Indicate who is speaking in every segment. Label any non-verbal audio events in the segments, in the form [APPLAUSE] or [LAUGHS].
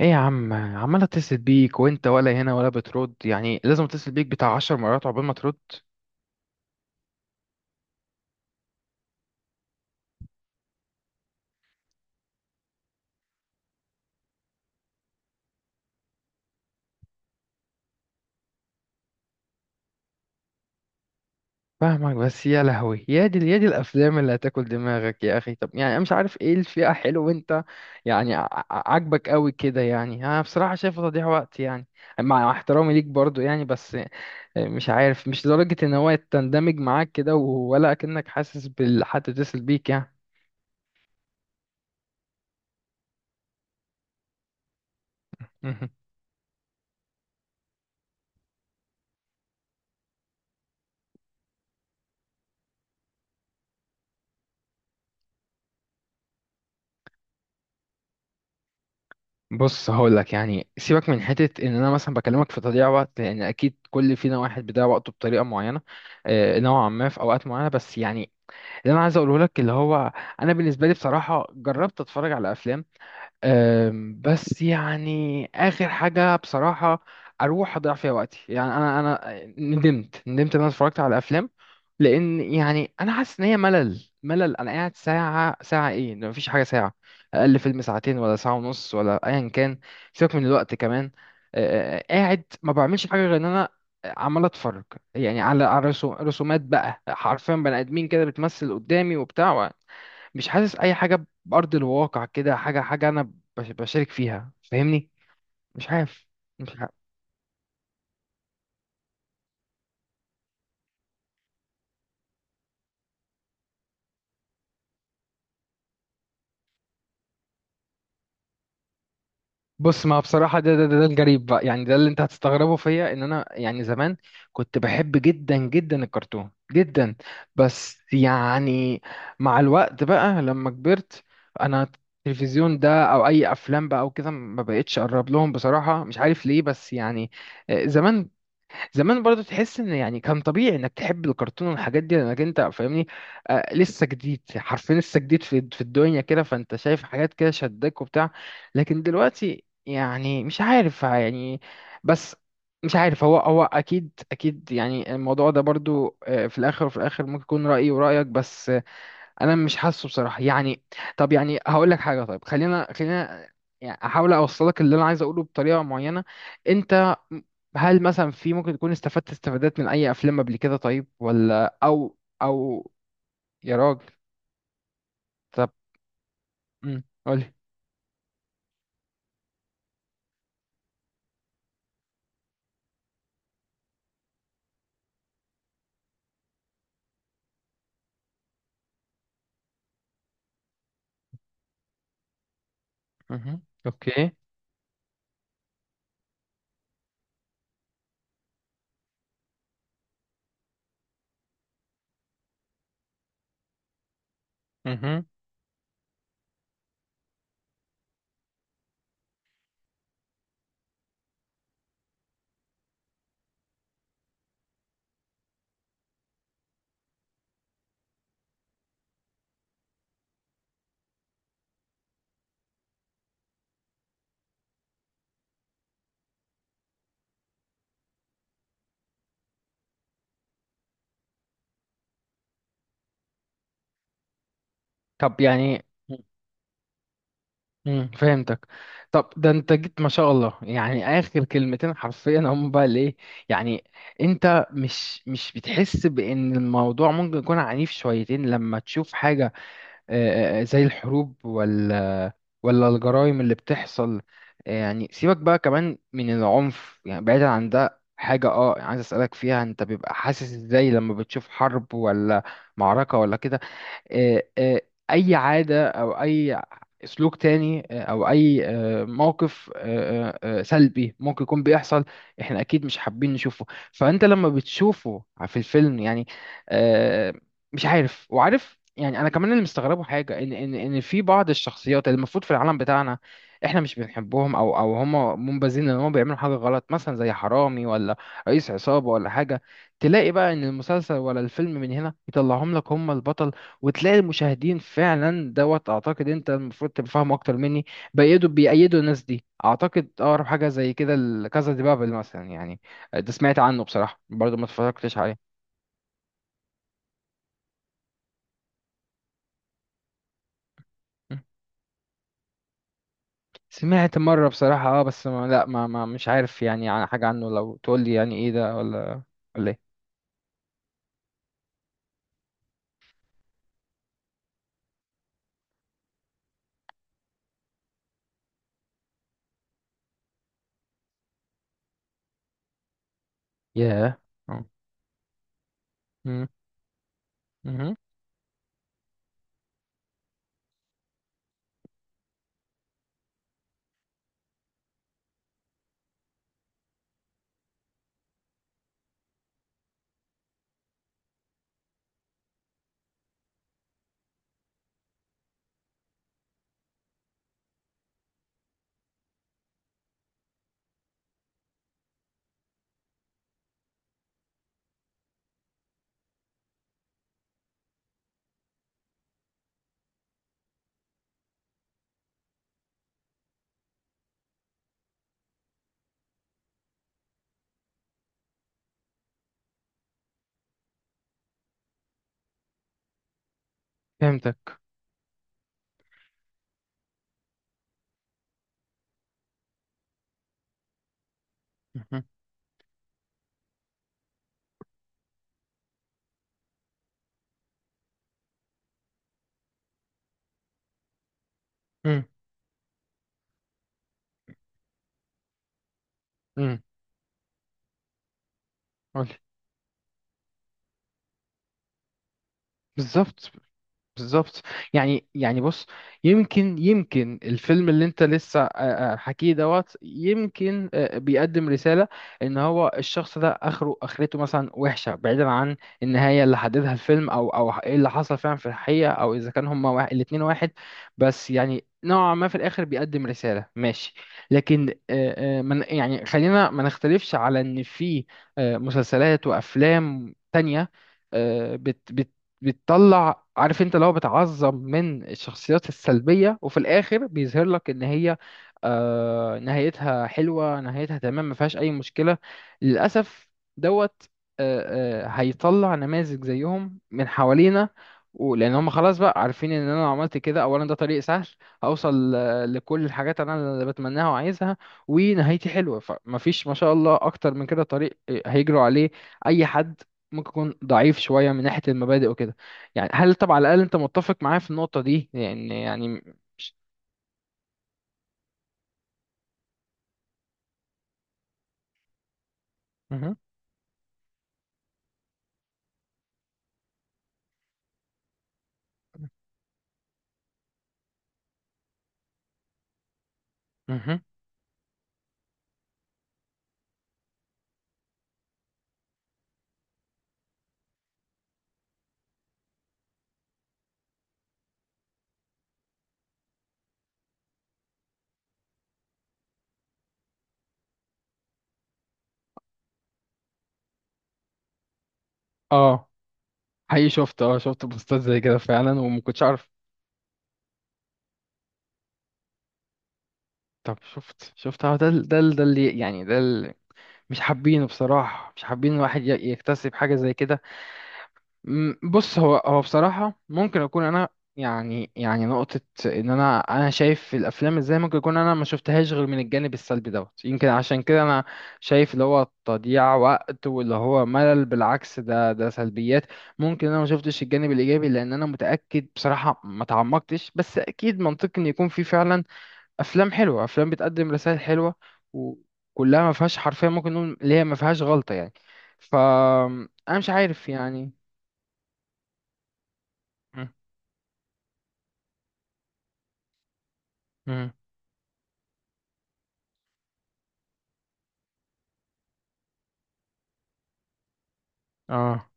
Speaker 1: ايه يا عم، عمال اتصل بيك وانت ولا هنا ولا بترد، يعني لازم اتصل بيك بتاع 10 مرات عقبال ما ترد. فاهمك، بس يا لهوي، يا دي يا دي الافلام اللي هتاكل دماغك يا اخي. طب يعني انا مش عارف ايه الفئة حلو وانت يعني عاجبك قوي كده. يعني انا بصراحة شايفه تضييع وقت، يعني مع احترامي ليك برضو يعني. بس مش عارف، مش لدرجة ان هو يتندمج معاك كده ولا كأنك حاسس بالحد تتصل بيك يعني. [LAUGHS] بص هقول لك، يعني سيبك من حته ان انا مثلا بكلمك في تضييع وقت، لان اكيد كل فينا واحد بيضيع وقته بطريقه معينه. نوعا ما في اوقات معينه بس يعني، اللي انا عايز اقوله لك اللي هو انا بالنسبه لي بصراحه جربت اتفرج على افلام. بس يعني اخر حاجه بصراحه اروح اضيع فيها وقتي، يعني انا ندمت ان انا اتفرجت على افلام، لان يعني انا حاسس ان هي ملل ملل. انا قاعد ساعه ساعه، ايه ده، مفيش حاجه، ساعه اقل فيلم ساعتين ولا ساعه ونص ولا ايا كان. سيبك من الوقت كمان. قاعد ما بعملش حاجه غير ان انا عمال اتفرج، يعني على رسومات بقى، حرفيا بني ادمين كده بتمثل قدامي وبتاع. مش حاسس اي حاجه بارض الواقع، كده حاجه حاجه انا بشارك فيها، فاهمني؟ مش عارف، مش عارف. بص، ما بصراحه ده الجريب بقى، يعني ده اللي انت هتستغربه فيا ان انا يعني زمان كنت بحب جدا جدا الكرتون جدا. بس يعني مع الوقت بقى لما كبرت انا، التلفزيون ده او اي افلام بقى او كده ما بقتش اقرب لهم بصراحه، مش عارف ليه بس يعني. زمان زمان برضو تحس ان يعني كان طبيعي انك تحب الكرتون والحاجات دي، لانك انت فاهمني، لسه جديد، حرفيا لسه جديد في الدنيا كده، فانت شايف حاجات كده شدك وبتاع. لكن دلوقتي يعني مش عارف يعني. بس مش عارف، هو اكيد اكيد يعني الموضوع ده برضو في الاخر وفي الاخر ممكن يكون رأيي ورأيك، بس انا مش حاسه بصراحه يعني. طب يعني هقول لك حاجه، طيب خلينا خلينا يعني احاول اوصلك اللي انا عايز اقوله بطريقه معينه. انت هل مثلا في ممكن تكون استفدت استفادات من اي افلام قبل كده؟ طيب ولا او. يا راجل. طب قولي. مهم. اوكي. مهم. طب يعني فهمتك. طب ده انت جيت ما شاء الله، يعني اخر كلمتين حرفيا هم بقى الايه، يعني انت مش بتحس بان الموضوع ممكن يكون عنيف شويتين لما تشوف حاجة زي الحروب، ولا الجرائم اللي بتحصل؟ يعني سيبك بقى كمان من العنف، يعني بعيدا عن ده حاجة عايز اسألك فيها. انت بيبقى حاسس ازاي لما بتشوف حرب ولا معركة ولا كده؟ آه، آه، اي عاده او اي سلوك تاني، او اي موقف سلبي ممكن يكون بيحصل احنا اكيد مش حابين نشوفه، فانت لما بتشوفه في الفيلم يعني آه، مش عارف. وعارف يعني انا كمان اللي مستغربه حاجه، ان في بعض الشخصيات اللي المفروض في العالم بتاعنا احنا مش بنحبهم، او هم منبذين، ان هم بيعملوا حاجه غلط مثلا، زي حرامي ولا رئيس عصابه ولا حاجه، تلاقي بقى ان المسلسل ولا الفيلم من هنا يطلعهم لك هم البطل. وتلاقي المشاهدين فعلا دوت، اعتقد انت المفروض تبقى فاهم اكتر مني، بيأيدوا الناس دي. اعتقد اقرب حاجه زي كده الكازا دي بابل مثلا، يعني ده سمعت عنه بصراحه، برضو ما اتفرجتش عليه. م. سمعت مره بصراحه، بس ما لا ما, ما مش عارف يعني عن حاجه عنه، لو تقول لي يعني ايه ده ولا ايه. ياه. اه. م- مهم. فهمتك. مهم. م- م. قولي. بالظبط. بالظبط. يعني بص، يمكن الفيلم اللي انت لسه حكيه دوت، يمكن بيقدم رسالة ان هو الشخص ده اخرته مثلا وحشة، بعيدا عن النهاية اللي حددها الفيلم او ايه اللي حصل فعلا في الحقيقة، او اذا كان هما واحد الاتنين واحد. بس يعني نوعا ما في الاخر بيقدم رسالة، ماشي. لكن من يعني خلينا ما نختلفش على ان في مسلسلات وافلام تانية بتطلع، عارف، انت لو بتعظم من الشخصيات السلبية، وفي الآخر بيظهر لك ان هي نهايتها حلوة، نهايتها تمام، ما فيهاش أي مشكلة، للأسف دوت، هيطلع نماذج زيهم من حوالينا. ولأن هم خلاص بقى عارفين إن أنا لو عملت كده، أولا، ده طريق سهل هوصل لكل الحاجات أنا اللي بتمناها وعايزها ونهايتي حلوة، فمفيش ما شاء الله أكتر من كده طريق هيجروا عليه أي حد ممكن يكون ضعيف شوية من ناحية المبادئ وكده. يعني هل طب على الأقل أنت متفق معايا في النقطة دي؟ يعني مش... مهم. مهم. اه، حقيقي شفت بوستات زي كده فعلا، وما كنتش اعرف. طب شفت ده ال- ده ال- ده اللي مش حابينه بصراحة، مش حابين الواحد يكتسب حاجة زي كده. بص، هو بصراحة ممكن أكون أنا يعني نقطة، إن أنا شايف الأفلام إزاي، ممكن يكون أنا ما شفتهاش غير من الجانب السلبي دوت، يمكن عشان كده أنا شايف اللي هو تضييع وقت واللي هو ملل. بالعكس، ده سلبيات، ممكن أنا ما شفتش الجانب الإيجابي، لأن أنا متأكد بصراحة ما تعمقتش، بس أكيد منطقي إن يكون في فعلا أفلام حلوة، أفلام بتقدم رسائل حلوة وكلها ما فيهاش حرفيا، ممكن نقول اللي هي ما فيهاش غلطة يعني. فأنا مش عارف يعني. مم. اه.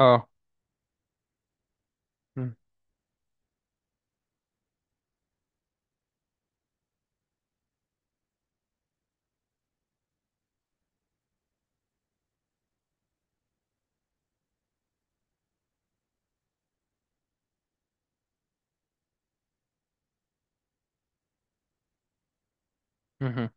Speaker 1: اه. مم. مهم.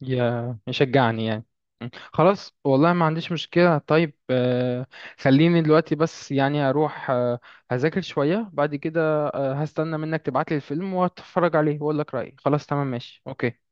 Speaker 1: يا يشجعني يعني. مم. خلاص والله، ما عنديش مشكلة. طيب خليني دلوقتي بس يعني أروح هذاكر شوية، بعد كده هستنى منك تبعتلي الفيلم وأتفرج عليه وأقول لك رأيي. خلاص، تمام، ماشي، أوكي.